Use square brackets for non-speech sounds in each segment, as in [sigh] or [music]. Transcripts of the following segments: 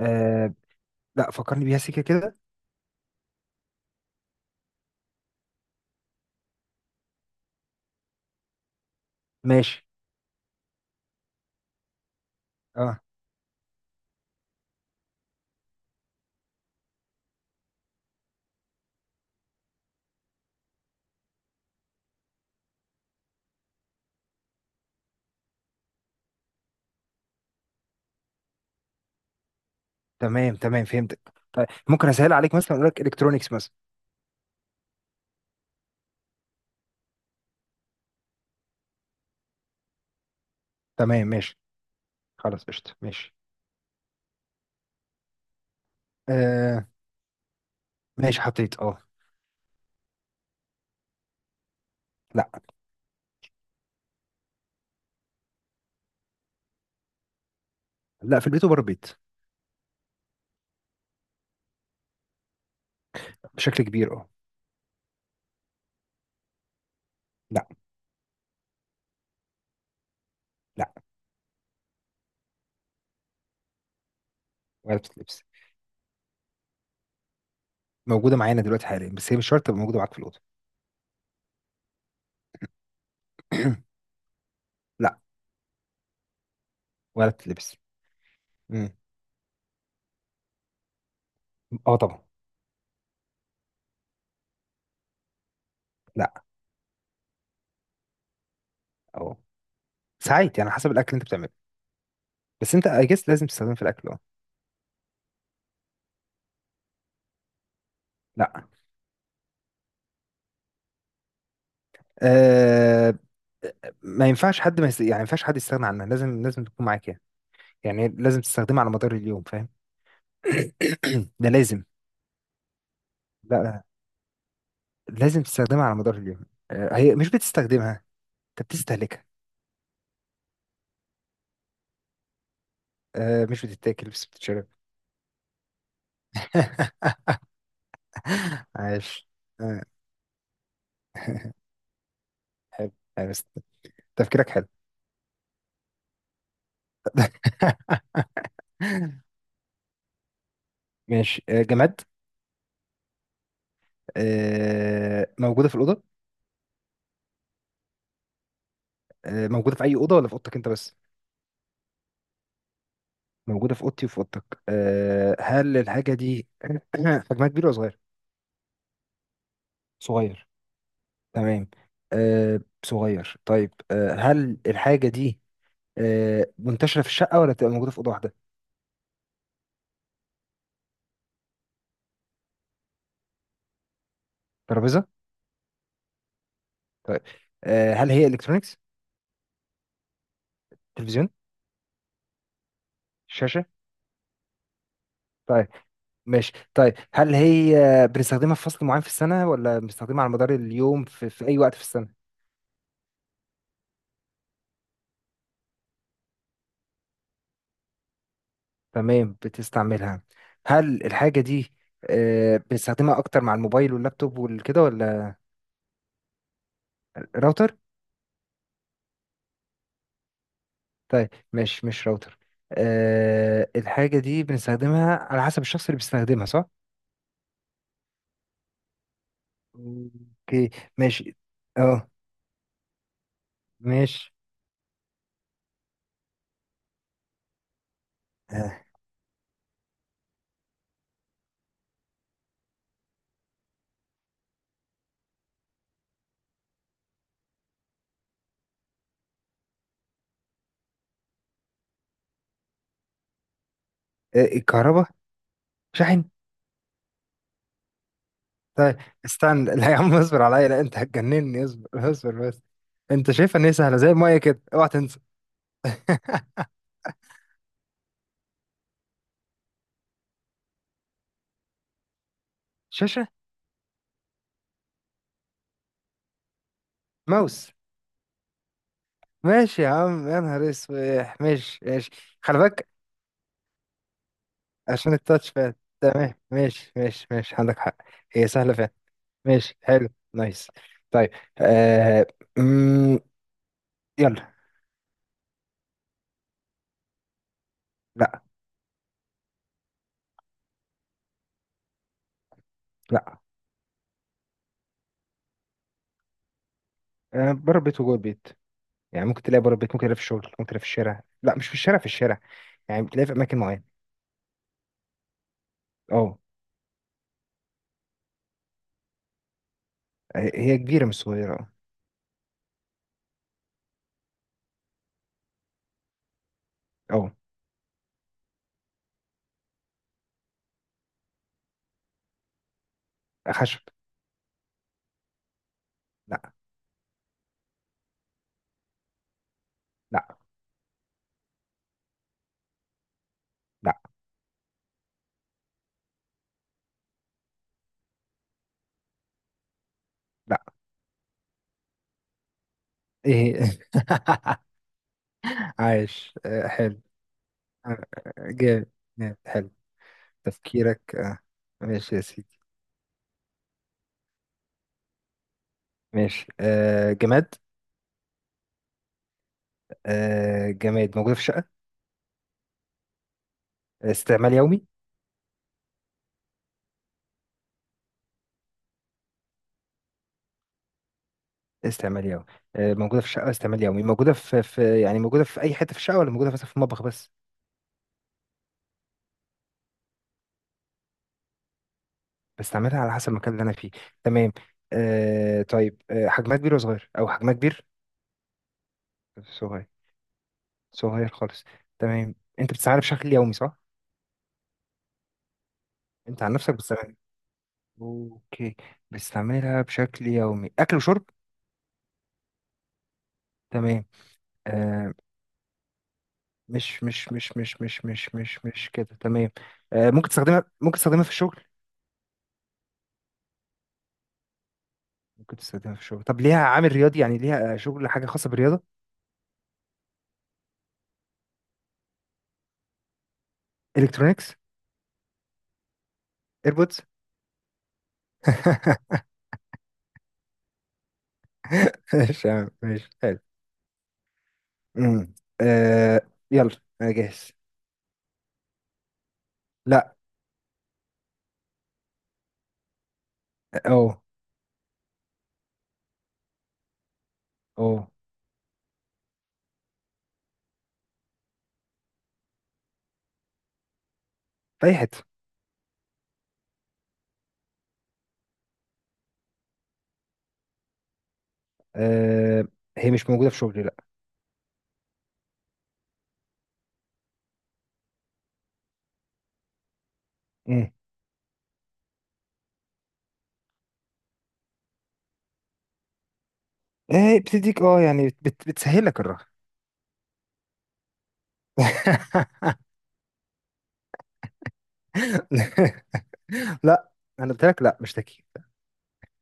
آه. لا، فكرني بيها سيكه كده. ماشي. اه. تمام تمام، فهمتك. طيب ممكن اسهل عليك، مثلا اقول لك الكترونكس مثلا. تمام، ماشي. خلاص، قشطه، ماشي. آه. ماشي، حطيت. اه. لا. لا، في البيت وبره البيت. بشكل كبير، اه. لا. لا، ولا بتتلبس. موجوده معانا دلوقتي حاليا، بس هي مش شرط تبقى موجوده معاك في الاوضه. [clears throat] لا. ولا بتتلبس. مم. اه طبعا. لا. اه. ساعات يعني، حسب الاكل اللي انت بتعمله. بس انت اجس لازم تستخدمه في الاكل، اه. لا. آه. ما ينفعش حد ما يست... يعني ما ينفعش حد يستغنى عنها، لازم لازم تكون معاك يعني. يعني لازم تستخدمها على مدار اليوم، فاهم؟ [clears throat] ده لازم. لا. لازم تستخدمها على مدار اليوم. هي مش بتستخدمها. انت بتستهلكها. مش بتتاكل بس بتتشرب. [laughs] عاش. آه، حلو. حلو، بس... تفكيرك حلو. [laughs] ماشي. جماد. موجودة في الأوضة. موجودة في أي أوضة ولا في أوضتك أنت بس؟ موجودة في أوضتي وفي أوضتك. هل الحاجة دي [clears throat] حجمها كبير ولا صغير؟ صغير. تمام. أه صغير طيب. هل الحاجة دي منتشرة في الشقة ولا بتبقى موجودة في أوضة واحدة؟ ترابيزة؟ طيب. هل هي إلكترونيكس؟ تلفزيون؟ شاشة؟ طيب. ماشي. طيب، هل هي بنستخدمها في فصل معين في السنة ولا بنستخدمها على مدار اليوم في أي وقت في السنة؟ تمام، بتستعملها. هل الحاجة دي بنستخدمها أكتر مع الموبايل واللابتوب والكده ولا؟ راوتر؟ طيب، مش راوتر. الحاجة دي بنستخدمها على حسب الشخص اللي بيستخدمها، صح؟ اوكي. ماشي. اه. ماشي. آه. إيه، الكهرباء. شاحن. طيب. استنى. [laughs] لا يا عم، اصبر عليا. لا انت هتجنني، اصبر اصبر بس. انت شايفها ان هي سهلة زي المية كده، اوعى تنسى. [laughs] شاشة. ماوس. ماشي يا عم، يا نهار اسوح، ماشي ماشي. خلي بالك. عشان التاتش باد. تمام، ماشي ماشي ماشي، عندك حق. هي سهلة فعلا. ماشي، حلو. نايس. طيب. آه... مم... يلا. لا. لا. بره البيت وجوه البيت. يعني ممكن تلاقي بره البيت، ممكن تلاقي في الشغل، ممكن تلاقي في الشارع، لا مش في الشارع في الشارع. يعني بتلاقي في اماكن معينه. اه. هي كبيره مش صغيره. اه. خشب. لا. لا. لا. لا. ايه. [laughs] عايش. حلو. آه... جامد. جامد. حلو. تفكيرك. ماشي يا سيدي. ماشي. جماد. جماد، موجوده في شقه. استعمال يومي. استعمال يومي. موجودة في الشقة، استعمال يومي، موجودة في يعني موجودة في أي حتة في الشقة ولا موجودة مثلا في المطبخ بس؟ بستعملها على حسب المكان اللي أنا فيه. تمام. طيب. حجمها كبير ولا صغير، أو حجمها كبير؟ صغير، صغير خالص. تمام، أنت بتستعملها بشكل يومي صح؟ أنت عن نفسك بتستعملها. أوكي. بستعملها بشكل يومي، أكل وشرب؟ تمام. آه. مش كده، تمام. ممكن تستخدمها في الشغل. ممكن تستخدمها في الشغل. طب ليها عامل رياضي، يعني ليها شغل، حاجة خاصة بالرياضة؟ الكترونيكس. ايربودز. [laughs] ماشي يا عم، ماشي، حلو. أمم. آه. يلا. انا جاهز. لا. اه. اه. في اي حته. آه هي مش موجوده في شغلي، لا. أمم. آه. بتديك اه يعني بتسهل لك الراحه. [laughs] لا. انا قلت لك لا، مش تكييف.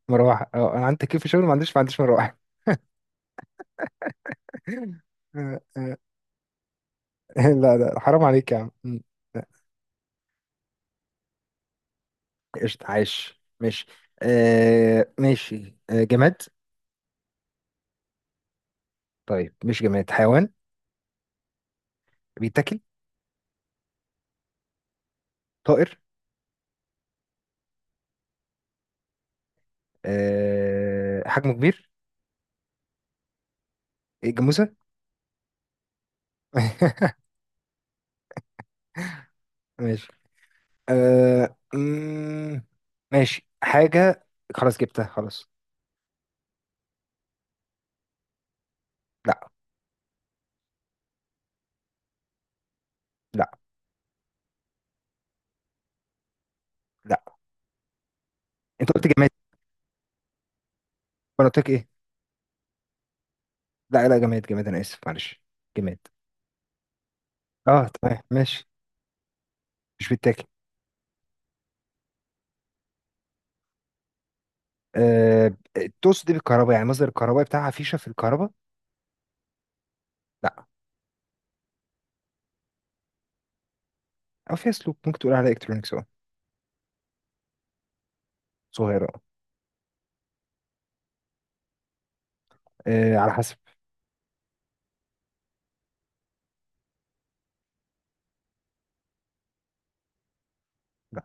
مروحه، اه انا عندي تكييف في شغلي، ما عنديش مروحه. [laughs] آه، آه. لا لا، حرام عليك يا عم. أمم. لا، قشطة، عايش، ماشي. ماشي. جماد. طيب مش جماد، حيوان؟ بيتاكل؟ طائر؟ حجمه كبير؟ إيه، جاموسة؟ [laughs] ماشي. أه مم، ماشي، حاجة. خلاص جبتها، خلاص. لا. لا. لا. انت قلت جماد. وانا قلت لك ايه؟ لا لا، جماد جماد، انا اسف معلش. جماد. اه، تمام، ماشي. مش بيتاكل. أه تقصد ايه بالكهرباء؟ يعني مصدر الكهرباء بتاعها، فيشة في الكهرباء؟ لا. او فيها سلوك، ممكن تقول عليها الكترونكس اه. صغيرة. اه. على حسب. لا.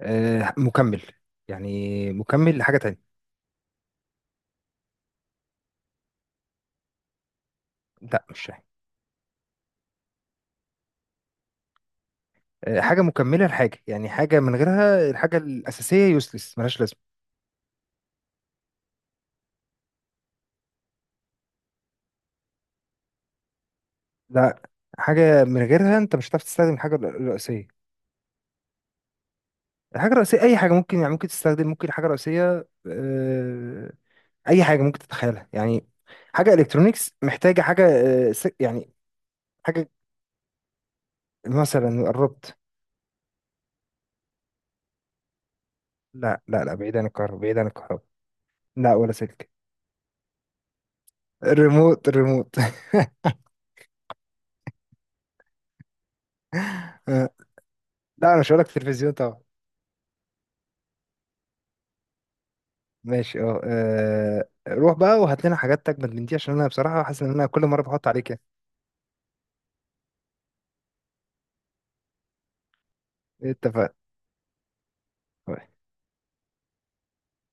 مكمل. يعني مكمل لحاجة تانية. لا مش شاي. حاجة مكملة لحاجة، يعني حاجة من غيرها الحاجة الأساسية يوسلس، ملهاش لازمة. لا. حاجة من غيرها أنت مش هتعرف تستخدم الحاجة الرئيسية. الحاجة الرئيسية أي حاجة ممكن، يعني ممكن تستخدم، ممكن حاجة رئيسية. أي حاجة ممكن تتخيلها يعني. حاجة إلكترونيكس محتاجة حاجة. يعني. حاجة، مثلا قربت. لا لا لا، بعيد عن الكهرباء، بعيد عن الكهرباء. لا، ولا سلك. الريموت، الريموت. [laughs] لا أنا مش هقولك تلفزيون طبعا. ماشي، اه. روح بقى وهات لنا حاجات تجمد من دي، عشان انا بصراحة حاسس ان انا كل مرة بحط عليك يعني. اتفقنا.